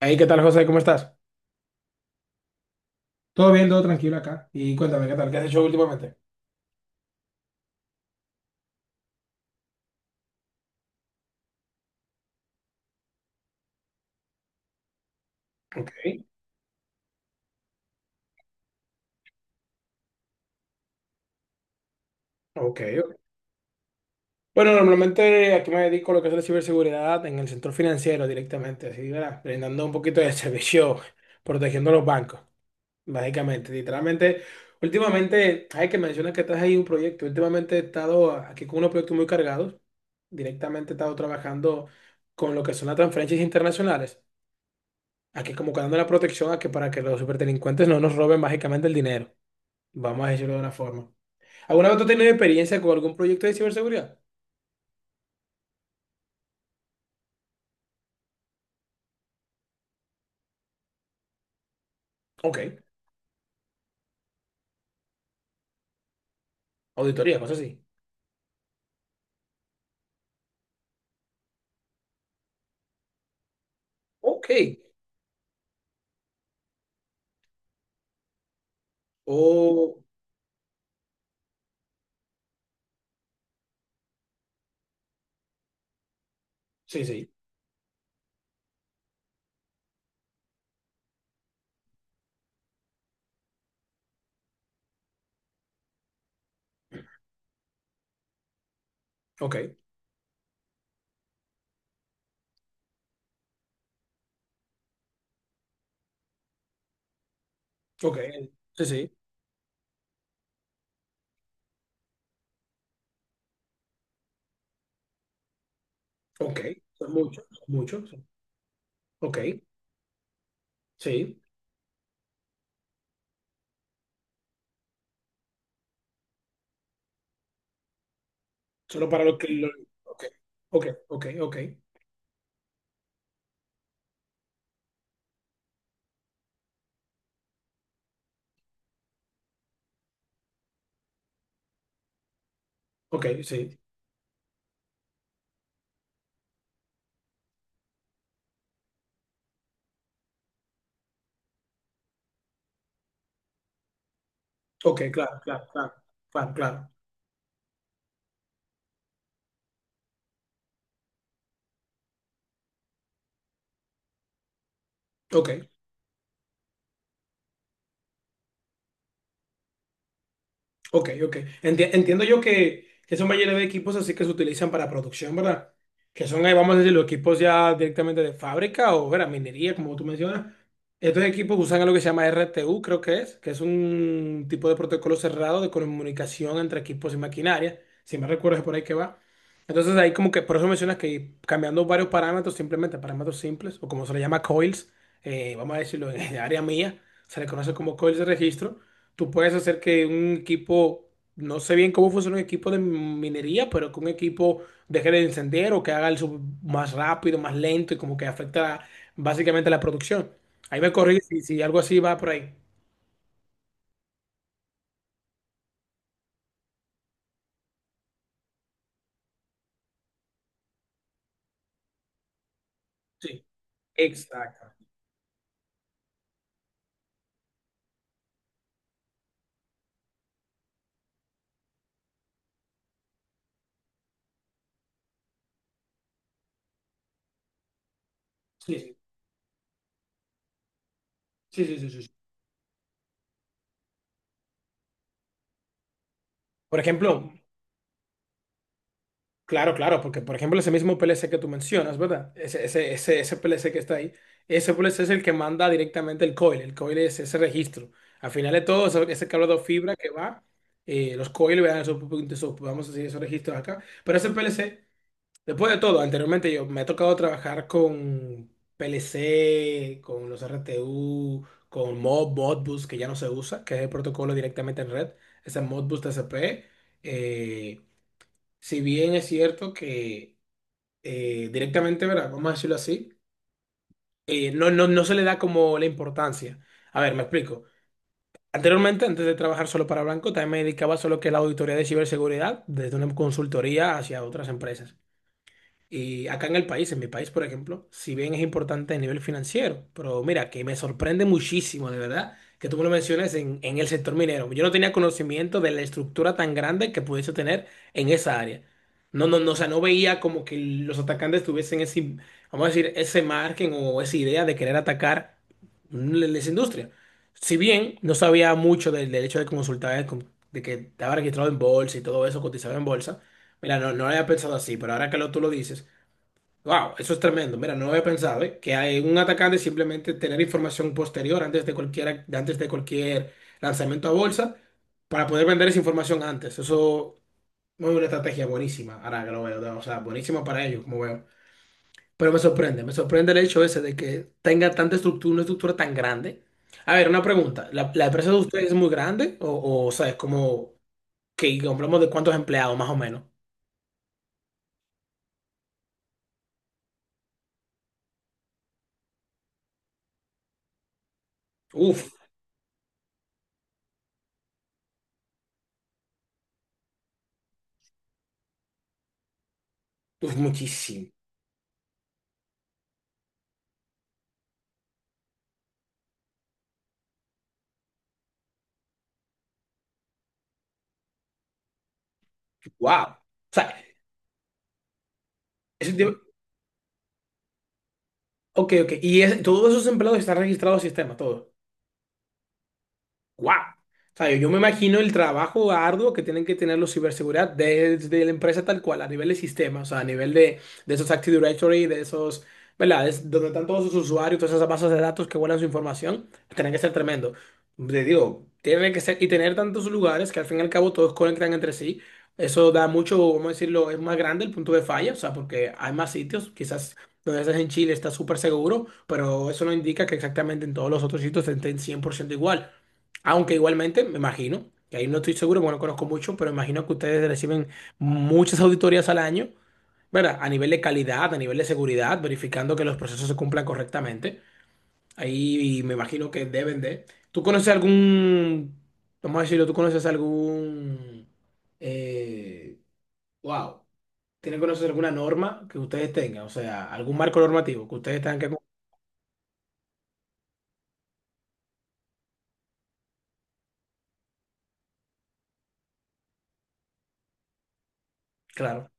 Ahí, ¿qué tal, José? ¿Cómo estás? Todo bien, todo tranquilo acá. Y cuéntame, ¿qué tal? ¿Qué has hecho últimamente? Ok, ok. Ok. Bueno, normalmente aquí me dedico a lo que es la ciberseguridad en el sector financiero directamente, así, ¿verdad? Brindando un poquito de servicio, protegiendo los bancos, básicamente. Literalmente, últimamente, hay que mencionar que estás ahí un proyecto. Últimamente he estado aquí con unos proyectos muy cargados. Directamente he estado trabajando con lo que son las transferencias internacionales. Aquí como que dando la protección a que para que los superdelincuentes no nos roben básicamente el dinero. Vamos a decirlo de una forma. ¿Alguna vez tú has tenido experiencia con algún proyecto de ciberseguridad? Ok. Auditoría, cosas así. Ok. O... Sí, sí. Ok. Ok. Sí, sí. Ok. Son muchos, son muchos. Ok. Sí. Solo para los que. Ok. Ok, ok, ok. Ok, sí. Ok, claro, claro, claro. Claro, claro. Ok. Ok, ok. Entiendo yo que son mayoría de equipos así que se utilizan para producción, ¿verdad? Que son, vamos a decir, los equipos ya directamente de fábrica o, ¿verdad? Minería, como tú mencionas. Estos equipos usan algo que se llama RTU, creo que es un tipo de protocolo cerrado de comunicación entre equipos y maquinaria. Si me recuerdo, es por ahí que va. Entonces, ahí como que, por eso mencionas que cambiando varios parámetros, simplemente parámetros simples, o como se le llama coils, vamos a decirlo en el área mía, se le conoce como coils de registro. Tú puedes hacer que un equipo, no sé bien cómo funciona un equipo de minería, pero que un equipo deje de encender o que haga el sub más rápido, más lento y como que afecta básicamente la producción. Ahí me corrí si, si algo así va por ahí. Sí. Exacto. Sí, sí, sí, sí, sí, sí. Sí. Por ejemplo, Claro, claro, porque por ejemplo ese mismo PLC que tú mencionas, ¿verdad? Ese PLC que está ahí, ese PLC es el que manda directamente el coil es ese registro. Al final de todo, ese cable de fibra que va, los coils vean vamos a decir, esos registros acá. Pero ese PLC, después de todo, anteriormente yo me ha tocado trabajar con PLC, con los RTU, con Mod, Modbus, que ya no se usa, que es el protocolo directamente en red, ese Modbus TCP. Si bien es cierto que directamente, ¿verdad? Vamos a decirlo así, no, no, no se le da como la importancia. A ver, me explico. Anteriormente, antes de trabajar solo para Blanco, también me dedicaba solo que a la auditoría de ciberseguridad, desde una consultoría hacia otras empresas. Y acá en el país, en mi país, por ejemplo, si bien es importante a nivel financiero, pero mira, que me sorprende muchísimo, de verdad, que tú me lo menciones en el sector minero. Yo no tenía conocimiento de la estructura tan grande que pudiese tener en esa área. No, no, no, o sea, no veía como que los atacantes tuviesen ese, vamos a decir, ese margen o esa idea de querer atacar esa industria. Si bien no sabía mucho del hecho de consultar, de, de que estaba registrado en bolsa y todo eso, cotizaba en bolsa, mira, no, no lo había pensado así, pero ahora que tú lo dices. Wow, eso es tremendo. Mira, no lo había pensado, ¿eh? Que hay un atacante simplemente tener información posterior antes de cualquier lanzamiento a bolsa para poder vender esa información antes. Eso es una estrategia buenísima, ahora que lo veo, ¿no? O sea, buenísima para ellos, como veo. Pero me sorprende el hecho ese de que tenga tanta estructura, una estructura tan grande. A ver, una pregunta. ¿La empresa de ustedes es muy grande? O sea, es como que hablamos de cuántos empleados, más o menos. Uf, uf, muchísimo. Wow. O sea, eso Ok, ok. Y todos esos empleados están registrados al sistema, todos. ¡Guau! O sea, yo me imagino el trabajo arduo que tienen que tener los ciberseguridad desde la empresa tal cual, a nivel de sistema, o sea, a nivel de esos Active Directory, de esos, ¿verdad? Es donde están todos sus usuarios, todas esas bases de datos que guardan su información, tienen que ser tremendo. Te digo, tiene que ser, y tener tantos lugares que al fin y al cabo todos conectan entre sí, eso da mucho, vamos a decirlo, es más grande el punto de falla, o sea, porque hay más sitios, quizás donde estás en Chile está súper seguro, pero eso no indica que exactamente en todos los otros sitios estén 100% igual. Aunque igualmente, me imagino, que ahí no estoy seguro, bueno, conozco mucho, pero imagino que ustedes reciben muchas auditorías al año, ¿verdad? A nivel de calidad, a nivel de seguridad, verificando que los procesos se cumplan correctamente. Ahí me imagino que deben de. ¿Tú conoces algún, vamos a decirlo, tú conoces algún, eh, wow, tienen que conocer alguna norma que ustedes tengan, o sea, algún marco normativo que ustedes tengan que...? Claro.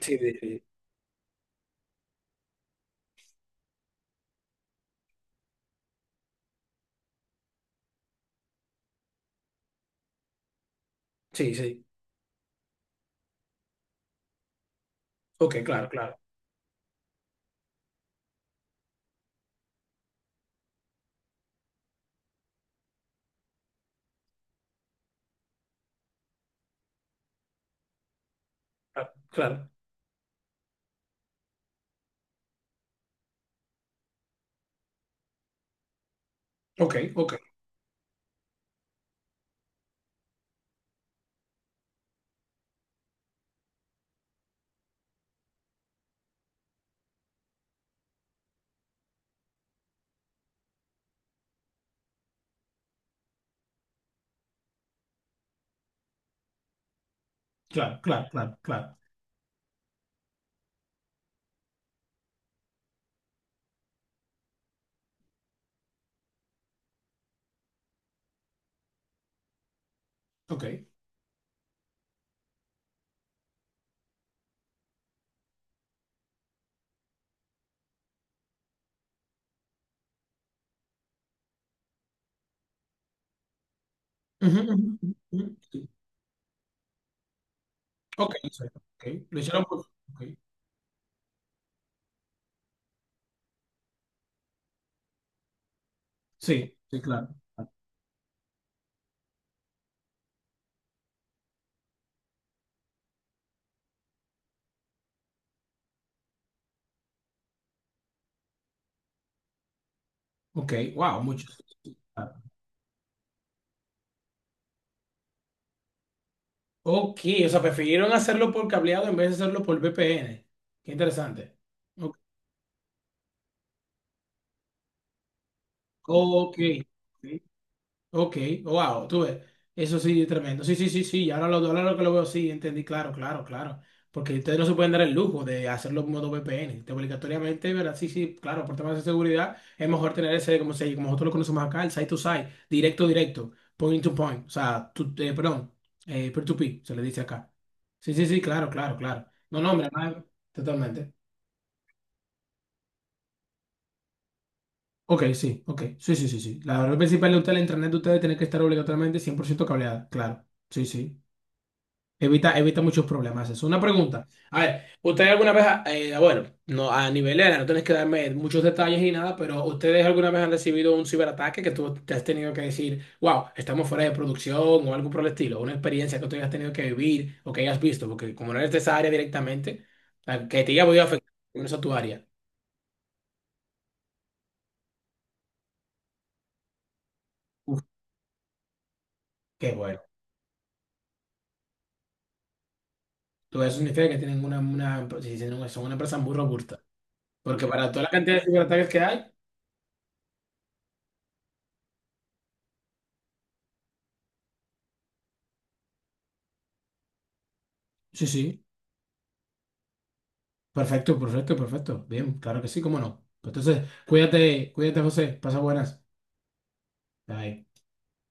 Sí, sí, sí. Sí, sí. Ok, claro, claro, claro, claro. Ok, ok. Claro, claro, claro, claro. Ok. Ujú, ujú, ujú, ujú. Ok, sí, ok. Lo hicieron por... ok. Sí, sí, claro. Ok, wow, mucho. Claro. Ok, o sea, prefirieron hacerlo por cableado en vez de hacerlo por VPN. Qué interesante. Ok. Ok. Ok, wow, tú ves, eso sí es tremendo. Sí, sí, sí, sí. Y ahora lo que lo veo, sí, entendí, claro, claro, claro. Porque ustedes no se pueden dar el lujo de hacerlo en modo VPN. Te obligatoriamente, ¿verdad? Sí, sí, claro, por temas de seguridad, es mejor tener ese, como se, como nosotros lo conocemos acá, el side to side, directo, directo, point to point. O sea, perdón, peer to peer, se le dice acá. Sí, sí, sí, claro, claro, claro. No, no, hombre, nada, totalmente. Ok, sí, ok, sí, sí, sí, sí. La red principal de usted, la internet de ustedes, tiene que estar obligatoriamente 100% cableada, claro. Sí, sí. Evita, evita muchos problemas. Es una pregunta. A ver, ¿ustedes alguna vez, bueno, no a nivel de no tienes que darme muchos detalles ni nada, pero ¿ustedes alguna vez han recibido un ciberataque que tú te has tenido que decir, wow, estamos fuera de producción o algo por el estilo? Una experiencia que tú hayas tenido que vivir o que hayas visto, porque como no eres de esa área directamente, la que te haya podido afectar no es a tu área. Uf, qué bueno. Todo eso significa que tienen una, sí, sí, son una empresa muy robusta. Porque para toda la cantidad de ciberataques que hay, sí, sí. Perfecto, perfecto, perfecto. Bien, claro que sí, cómo no. Entonces, cuídate, cuídate, José. Pasa buenas. Bye.